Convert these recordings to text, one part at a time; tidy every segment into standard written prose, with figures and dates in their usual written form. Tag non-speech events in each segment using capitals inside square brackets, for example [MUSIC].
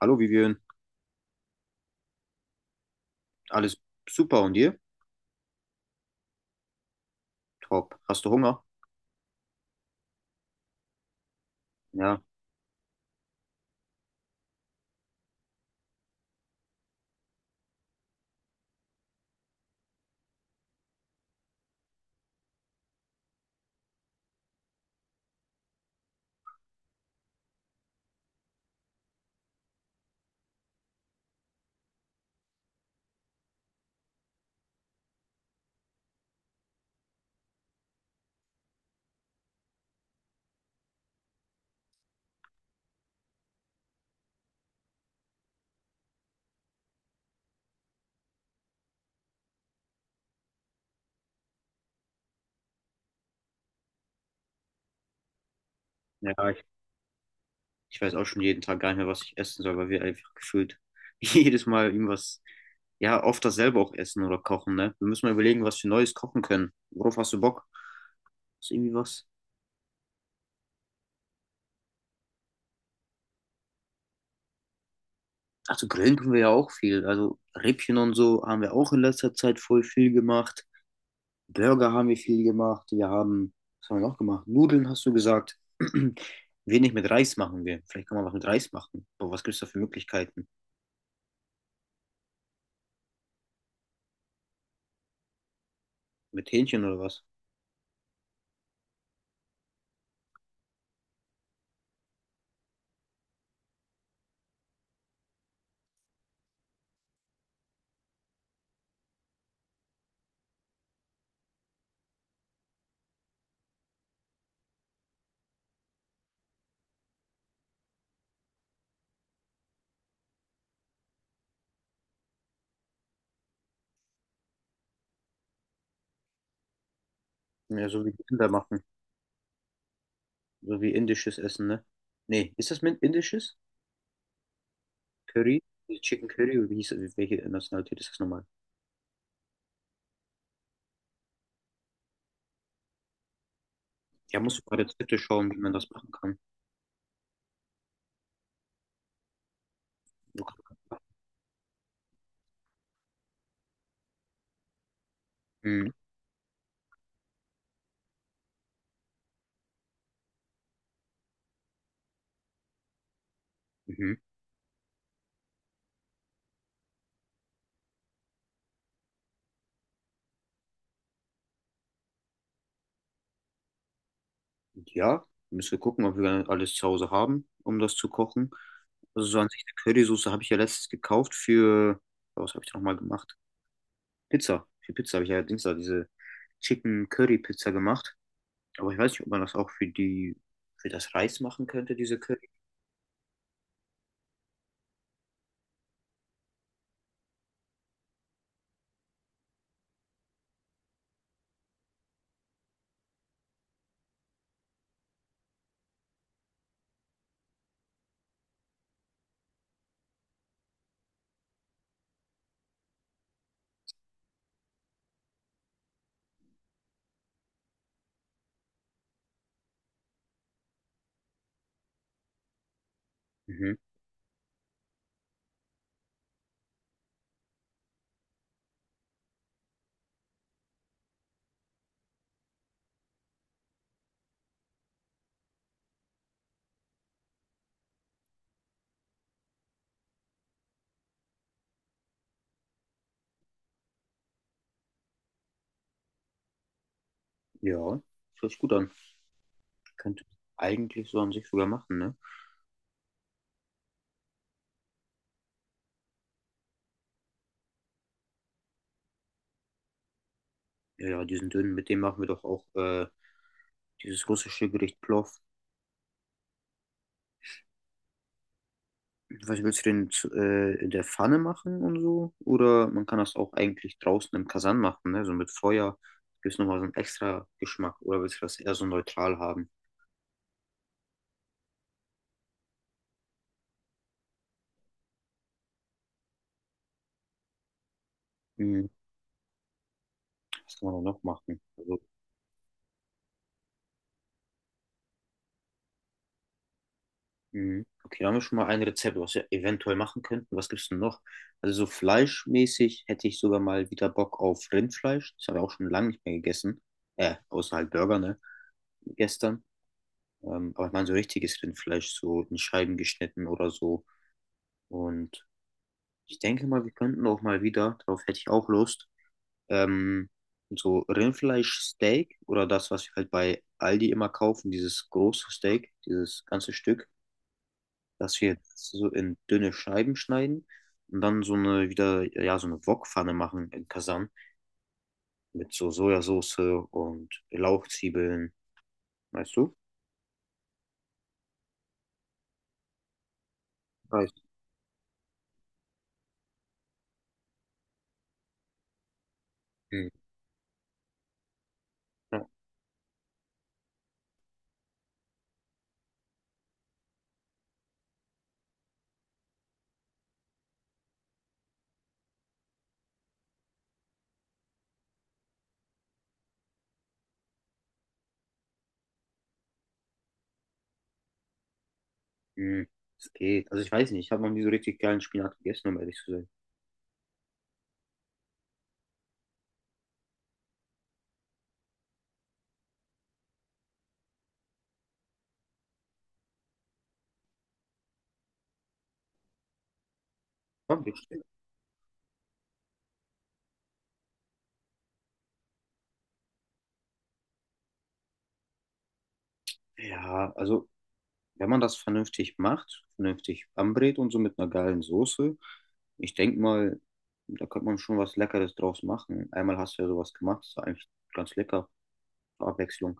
Hallo Vivian, alles super und dir? Top. Hast du Hunger? Ja, ja, ich weiß auch schon jeden Tag gar nicht mehr, was ich essen soll, weil wir einfach gefühlt [LAUGHS] jedes Mal irgendwas, ja, oft dasselbe auch essen oder kochen, ne? Wir müssen mal überlegen, was wir Neues kochen können. Worauf hast du Bock? Ist irgendwie was? Also grillen können wir ja auch viel. Also Rippchen und so haben wir auch in letzter Zeit voll viel gemacht. Burger haben wir viel gemacht. Wir haben, was haben wir noch gemacht? Nudeln hast du gesagt. [CLEARS THROAT] Wenig mit Reis machen wir. Vielleicht kann man was mit Reis machen. Aber was gibt es da für Möglichkeiten? Mit Hähnchen oder was? Ja, so wie die Inder machen. So wie indisches Essen, ne? Nee, ist das mit indisches? Curry? Nee, Chicken Curry? Oder wie hieß, welche Nationalität ist das nochmal? Ja, musst du mal Rezepte schauen, wie man das machen kann. Mhm. Mhm. Ja, müssen wir gucken, ob wir alles zu Hause haben, um das zu kochen. Also so an sich eine Currysoße habe ich ja letztens gekauft für, was habe ich da nochmal gemacht? Pizza. Für Pizza habe ich ja Dienstag diese Chicken Curry Pizza gemacht. Aber ich weiß nicht, ob man das auch für die, für das Reis machen könnte, diese Curry. Mhm. Ja, hört sich gut an. Könnte eigentlich so an sich sogar machen, ne? Ja, diesen dünnen, mit dem machen wir doch auch dieses russische Gericht Plov. Was willst du denn zu, in der Pfanne machen und so? Oder man kann das auch eigentlich draußen im Kasan machen, ne? So mit Feuer. Gibt es nochmal so einen extra Geschmack? Oder willst du das eher so neutral haben? Hm, was kann man da noch machen? Also, hm, okay, da haben wir schon mal ein Rezept, was wir eventuell machen könnten. Was gibt's denn noch? Also so fleischmäßig hätte ich sogar mal wieder Bock auf Rindfleisch. Das habe ich auch schon lange nicht mehr gegessen. Außer halt Burger, ne? Gestern. Aber ich meine so richtiges Rindfleisch, so in Scheiben geschnitten oder so. Und ich denke mal, wir könnten auch mal wieder, darauf hätte ich auch Lust, ähm, so Rindfleischsteak oder das, was wir halt bei Aldi immer kaufen, dieses große Steak, dieses ganze Stück, dass wir so in dünne Scheiben schneiden und dann so eine wieder, ja, so eine Wokpfanne machen in Kasan mit so Sojasauce und Lauchzwiebeln, weißt du? Weiß. Hm. Ja. Hm. Es geht. Also ich weiß nicht, ich habe noch nie so richtig geilen Spinat gegessen, um ehrlich zu sein. Komm, bitte. Ja, also wenn man das vernünftig macht, vernünftig anbrät und so mit einer geilen Soße, ich denke mal, da könnte man schon was Leckeres draus machen. Einmal hast du ja sowas gemacht, ist eigentlich ganz lecker, zur Abwechslung.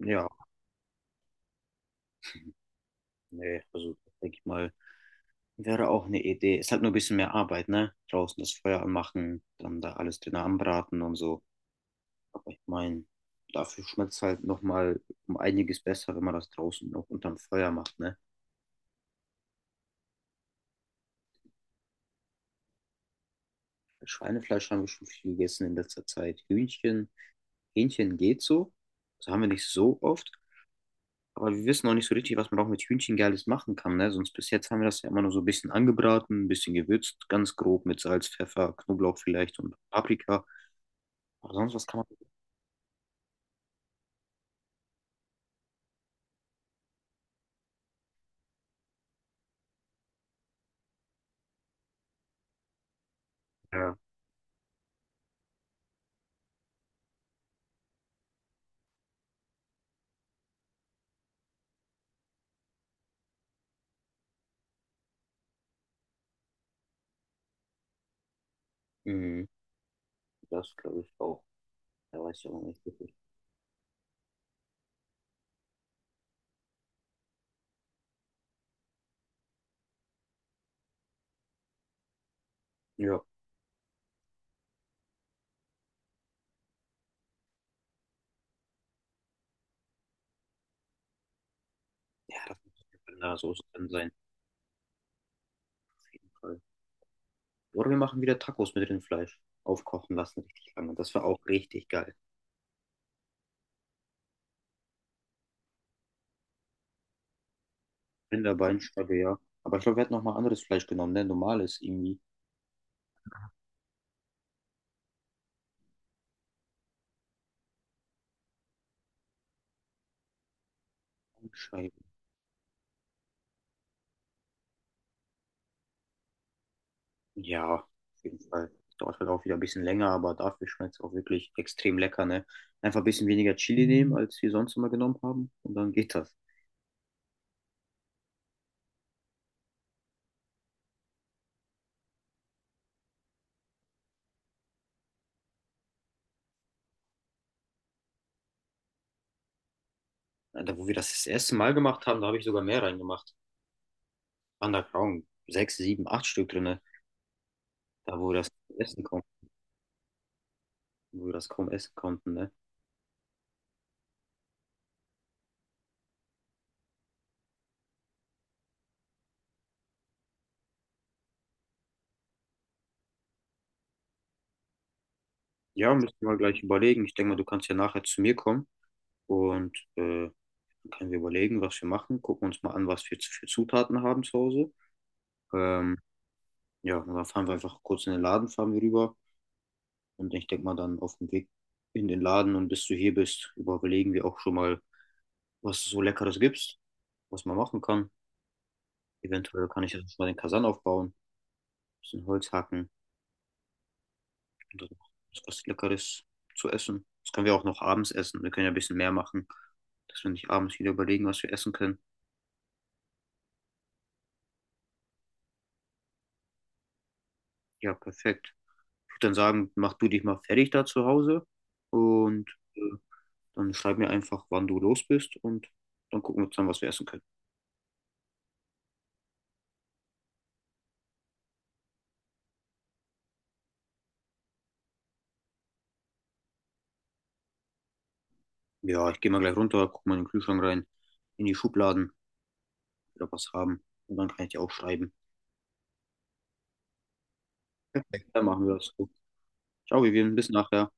Ja, nee, also denke ich mal, wäre auch eine Idee. Ist halt nur ein bisschen mehr Arbeit, ne? Draußen das Feuer anmachen, dann da alles drin anbraten und so. Aber ich meine, dafür schmeckt es halt nochmal um einiges besser, wenn man das draußen noch unterm Feuer macht, ne? Schweinefleisch haben wir schon viel gegessen in letzter Zeit. Hühnchen. Hähnchen geht so. Das haben wir nicht so oft. Aber wir wissen auch nicht so richtig, was man auch mit Hühnchen Geiles machen kann. Ne? Sonst bis jetzt haben wir das ja immer nur so ein bisschen angebraten, ein bisschen gewürzt, ganz grob mit Salz, Pfeffer, Knoblauch vielleicht und Paprika. Aber sonst, was kann man. Ja. Mhm. Das glaube ich auch. Da weiß ich auch nicht wirklich. Ja. Ja, das muss in der Soße drin sein, auf jeden Fall. Oder wir machen wieder Tacos mit Rindfleisch. Aufkochen lassen richtig lange. Das wäre auch richtig geil. Rinderbein, ja. Aber ich glaube, wir hatten noch mal anderes Fleisch genommen, ne? Normales irgendwie. Ja, auf jeden Fall. Dauert halt auch wieder ein bisschen länger, aber dafür schmeckt es auch wirklich extrem lecker, ne? Einfach ein bisschen weniger Chili nehmen, als wir sonst immer genommen haben. Und dann geht das. Da, wo wir das erste Mal gemacht haben, da habe ich sogar mehr reingemacht. Underground. Sechs, sieben, acht Stück drinne. Da, wo wir das essen konnten, wo wir das kaum essen konnten, ne? Ja, müssen wir mal gleich überlegen. Ich denke mal, du kannst ja nachher zu mir kommen und dann können wir überlegen, was wir machen. Gucken uns mal an, was wir für Zutaten haben zu Hause. Ähm, ja, und dann fahren wir einfach kurz in den Laden, fahren wir rüber. Und ich denke mal dann auf dem Weg in den Laden und bis du hier bist, überlegen wir auch schon mal, was es so Leckeres gibt, was man machen kann. Eventuell kann ich jetzt schon mal den Kasan aufbauen, ein bisschen Holz hacken und dann was Leckeres zu essen. Das können wir auch noch abends essen. Wir können ja ein bisschen mehr machen, dass wir nicht abends wieder überlegen, was wir essen können. Ja, perfekt. Ich würde dann sagen, mach du dich mal fertig da zu Hause und äh, dann schreib mir einfach, wann du los bist und dann gucken wir zusammen, was wir essen können. Ja, ich gehe mal gleich runter, guck mal in den Kühlschrank rein, in die Schubladen, wieder was haben. Und dann kann ich dir auch schreiben. Dann machen wir das so. Ciao, Vivian, bis nachher.